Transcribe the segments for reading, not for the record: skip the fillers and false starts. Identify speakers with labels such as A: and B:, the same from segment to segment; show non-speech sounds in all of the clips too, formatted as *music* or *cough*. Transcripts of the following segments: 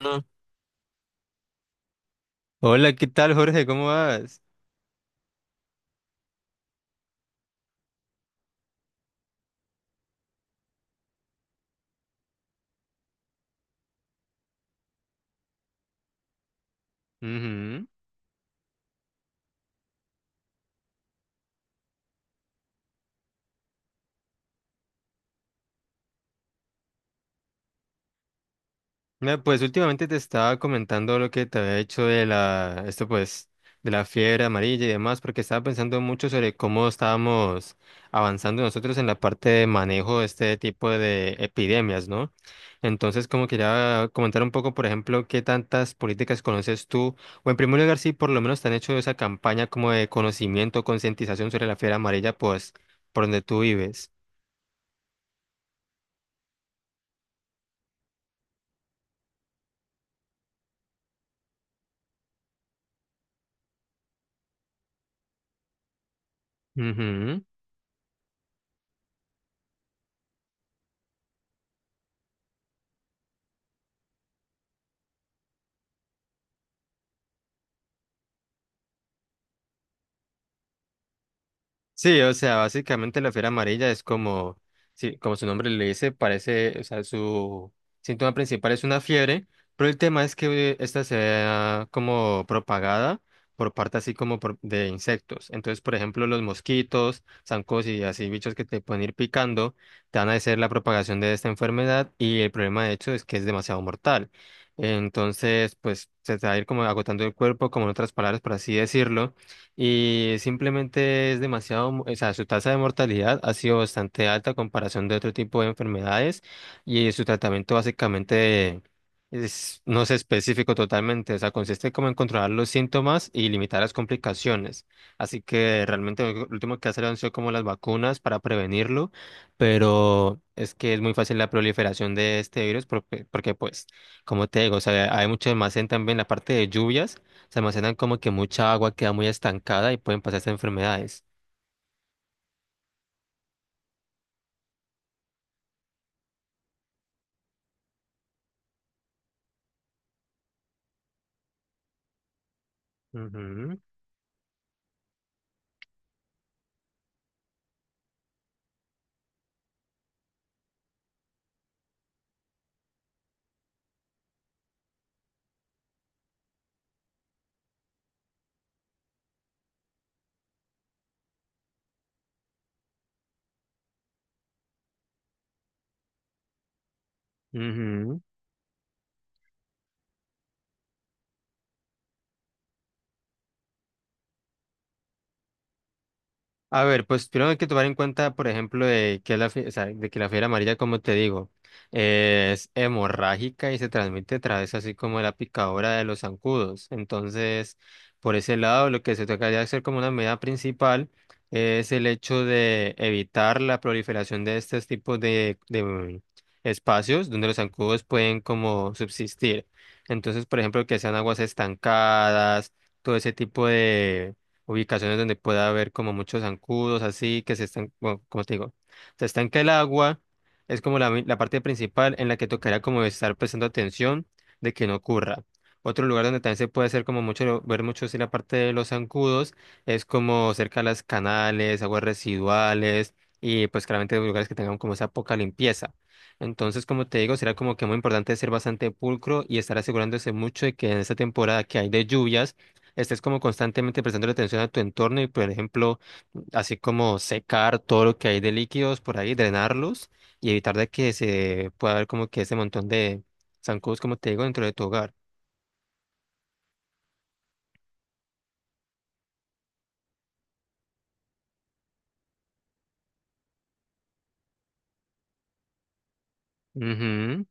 A: Ah, hola, ¿qué tal, Jorge? ¿Cómo vas? Ujú. Mira, pues últimamente te estaba comentando lo que te había hecho de la, esto pues, de la fiebre amarilla y demás, porque estaba pensando mucho sobre cómo estábamos avanzando nosotros en la parte de manejo de este tipo de epidemias, ¿no? Entonces, como quería comentar un poco, por ejemplo, qué tantas políticas conoces tú, o en primer lugar, si por lo menos te han hecho esa campaña como de conocimiento, concientización sobre la fiebre amarilla, pues, por donde tú vives. Ujú. Sí, o sea, básicamente la fiebre amarilla es como, sí, como su nombre le dice, parece, o sea, su síntoma principal es una fiebre, pero el tema es que esta sea como propagada por parte así como de insectos. Entonces, por ejemplo, los mosquitos, zancos y así bichos que te pueden ir picando, te van a hacer la propagación de esta enfermedad y el problema de hecho es que es demasiado mortal. Entonces, pues se te va a ir como agotando el cuerpo, como en otras palabras, por así decirlo, y simplemente es demasiado, o sea, su tasa de mortalidad ha sido bastante alta a comparación de otro tipo de enfermedades y su tratamiento básicamente es, no es específico totalmente, o sea, consiste como en controlar los síntomas y limitar las complicaciones. Así que realmente lo último que ha salido han sido como las vacunas para prevenirlo, pero es que es muy fácil la proliferación de este virus porque pues, como te digo, o sea, hay mucho almacén también en la parte de lluvias. Se almacenan como que mucha agua queda muy estancada y pueden pasarse enfermedades. Ujú, ujú. A ver, pues primero hay que tomar en cuenta, por ejemplo, de que la, o sea, de que la fiebre amarilla, como te digo, es hemorrágica y se transmite a través así como de la picadura de los zancudos. Entonces, por ese lado, lo que se tocaría hacer como una medida principal es el hecho de evitar la proliferación de estos tipos de, espacios donde los zancudos pueden como subsistir. Entonces, por ejemplo, que sean aguas estancadas, todo ese tipo ubicaciones donde pueda haber como muchos zancudos así que se están, bueno, como te digo, se estanca el agua, es como la, la parte principal en la que tocará como estar prestando atención de que no ocurra. Otro lugar donde también se puede hacer como mucho, ver mucho si la parte de los zancudos es como cerca de las canales, aguas residuales, y pues claramente lugares que tengan como esa poca limpieza. Entonces, como te digo, será como que muy importante ser bastante pulcro y estar asegurándose mucho de que en esta temporada que hay de lluvias, estés como constantemente prestándole atención a tu entorno y, por ejemplo, así como secar todo lo que hay de líquidos por ahí, drenarlos y evitar de que se pueda ver como que ese montón de zancudos, como te digo, dentro de tu hogar. Ujú.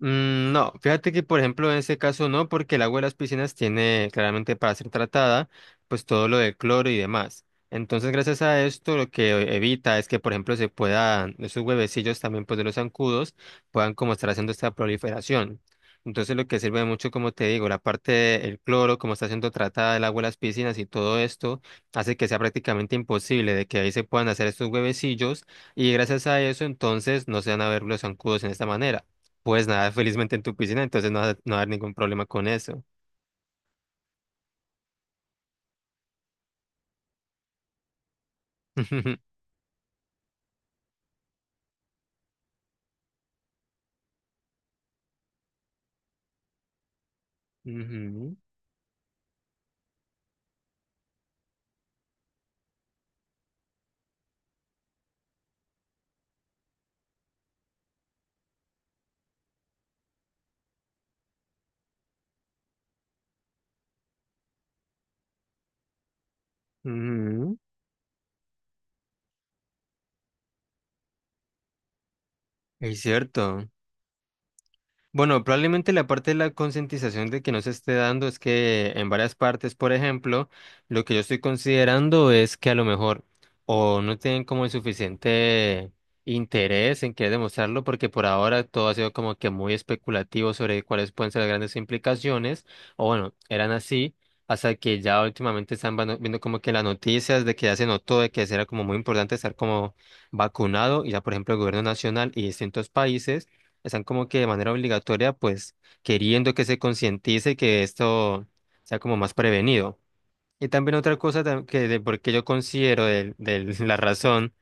A: No, fíjate que por ejemplo en ese caso no, porque el agua de las piscinas tiene claramente para ser tratada, pues todo lo de cloro y demás. Entonces, gracias a esto, lo que evita es que, por ejemplo, se puedan, esos huevecillos también, pues de los zancudos, puedan como estar haciendo esta proliferación. Entonces, lo que sirve mucho, como te digo, la parte del cloro, como está siendo tratada el agua de las piscinas y todo esto, hace que sea prácticamente imposible de que ahí se puedan hacer estos huevecillos y gracias a eso, entonces, no se van a ver los zancudos en esta manera. Pues nada, felizmente en tu piscina, entonces no va a haber ningún problema con eso. *laughs* Ujú, ujú. Es cierto. Bueno, probablemente la parte de la concientización de que no se esté dando es que en varias partes, por ejemplo, lo que yo estoy considerando es que a lo mejor o no tienen como el suficiente interés en querer demostrarlo, porque por ahora todo ha sido como que muy especulativo sobre cuáles pueden ser las grandes implicaciones, o bueno, eran así, hasta que ya últimamente están viendo como que las noticias de que ya se notó de que sí era como muy importante estar como vacunado, y ya por ejemplo el gobierno nacional y distintos países están como que de manera obligatoria, pues queriendo que se concientice que esto sea como más prevenido. Y también otra cosa que de por qué yo considero de, *laughs* la razón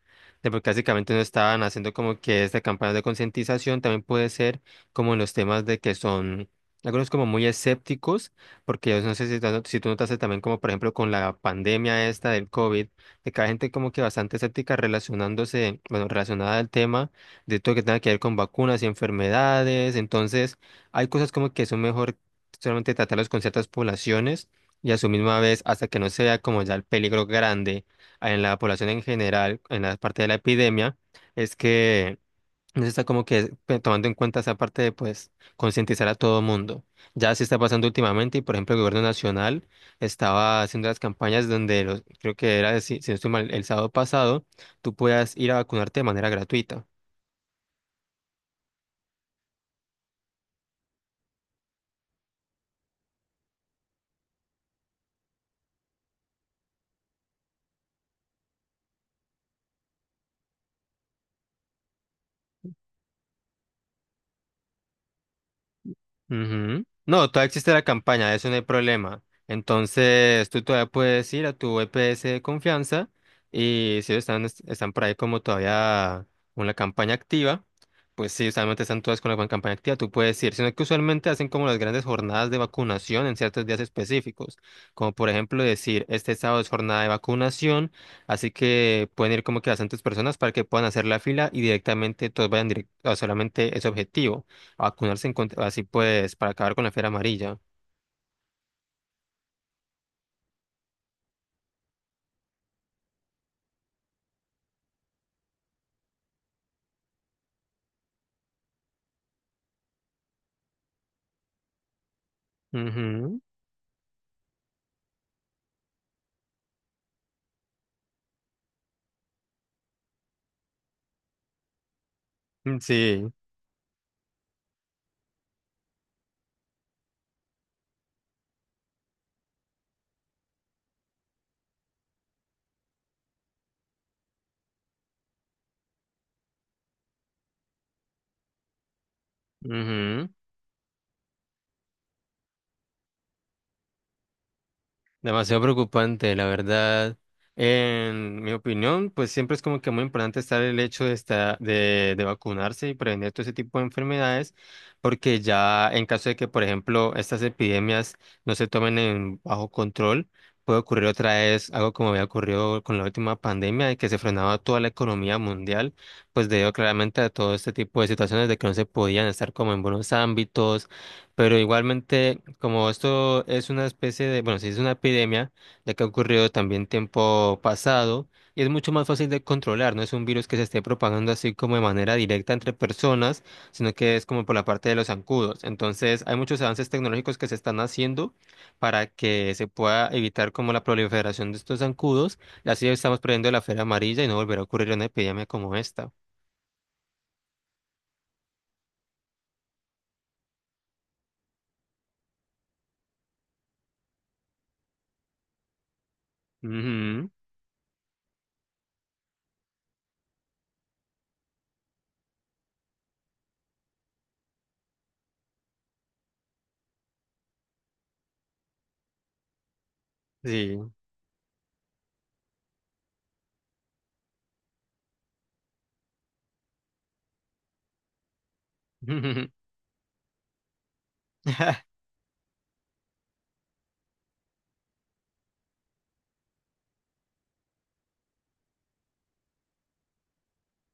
A: de por qué básicamente no estaban haciendo como que esta campaña de concientización también puede ser como en los temas de que son algunos como muy escépticos, porque yo no sé si, si tú notaste también como por ejemplo con la pandemia esta del COVID, de que hay gente como que bastante escéptica relacionándose, bueno, relacionada al tema de todo lo que tenga que ver con vacunas y enfermedades, entonces hay cosas como que son mejor solamente tratarlos con ciertas poblaciones y a su misma vez hasta que no sea como ya el peligro grande en la población en general, en la parte de la epidemia, es que no se está como que tomando en cuenta esa parte de pues concientizar a todo mundo. Ya se está pasando últimamente y por ejemplo el gobierno nacional estaba haciendo las campañas donde creo que era, si no estoy mal, el sábado pasado, tú puedas ir a vacunarte de manera gratuita. Ujú. No, todavía existe la campaña, eso no hay problema. Entonces, tú todavía puedes ir a tu EPS de confianza y si están, están por ahí como todavía con la campaña activa, pues sí, usualmente están todas con la con campaña activa, tú puedes ir, sino que usualmente hacen como las grandes jornadas de vacunación en ciertos días específicos, como por ejemplo decir, este sábado es jornada de vacunación, así que pueden ir como que bastantes personas para que puedan hacer la fila y directamente todos vayan directo a solamente ese objetivo a vacunarse así pues, para acabar con la fiebre amarilla. Ujú, Sí. Ujú. Demasiado preocupante, la verdad. En mi opinión, pues siempre es como que muy importante estar el hecho de, de vacunarse y prevenir todo ese tipo de enfermedades, porque ya en caso de que, por ejemplo, estas epidemias no se tomen en bajo control, puede ocurrir otra vez algo como había ocurrido con la última pandemia, de que se frenaba toda la economía mundial, pues debido claramente a todo este tipo de situaciones de que no se podían estar como en buenos ámbitos, pero igualmente, como esto es una especie de, bueno, si es una epidemia, ya que ha ocurrido también tiempo pasado, y es mucho más fácil de controlar, no es un virus que se esté propagando así como de manera directa entre personas, sino que es como por la parte de los zancudos. Entonces, hay muchos avances tecnológicos que se están haciendo para que se pueda evitar como la proliferación de estos zancudos, y así estamos previendo la fiebre amarilla y no volverá a ocurrir una epidemia como esta. Ujú, sí. *laughs*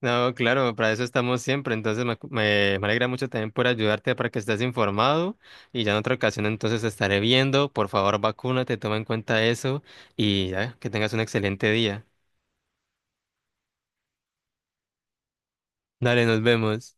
A: No, claro, para eso estamos siempre. Entonces me alegra mucho también por ayudarte para que estés informado y ya en otra ocasión entonces te estaré viendo. Por favor, vacúnate, toma en cuenta eso y ya, que tengas un excelente día. Dale, nos vemos.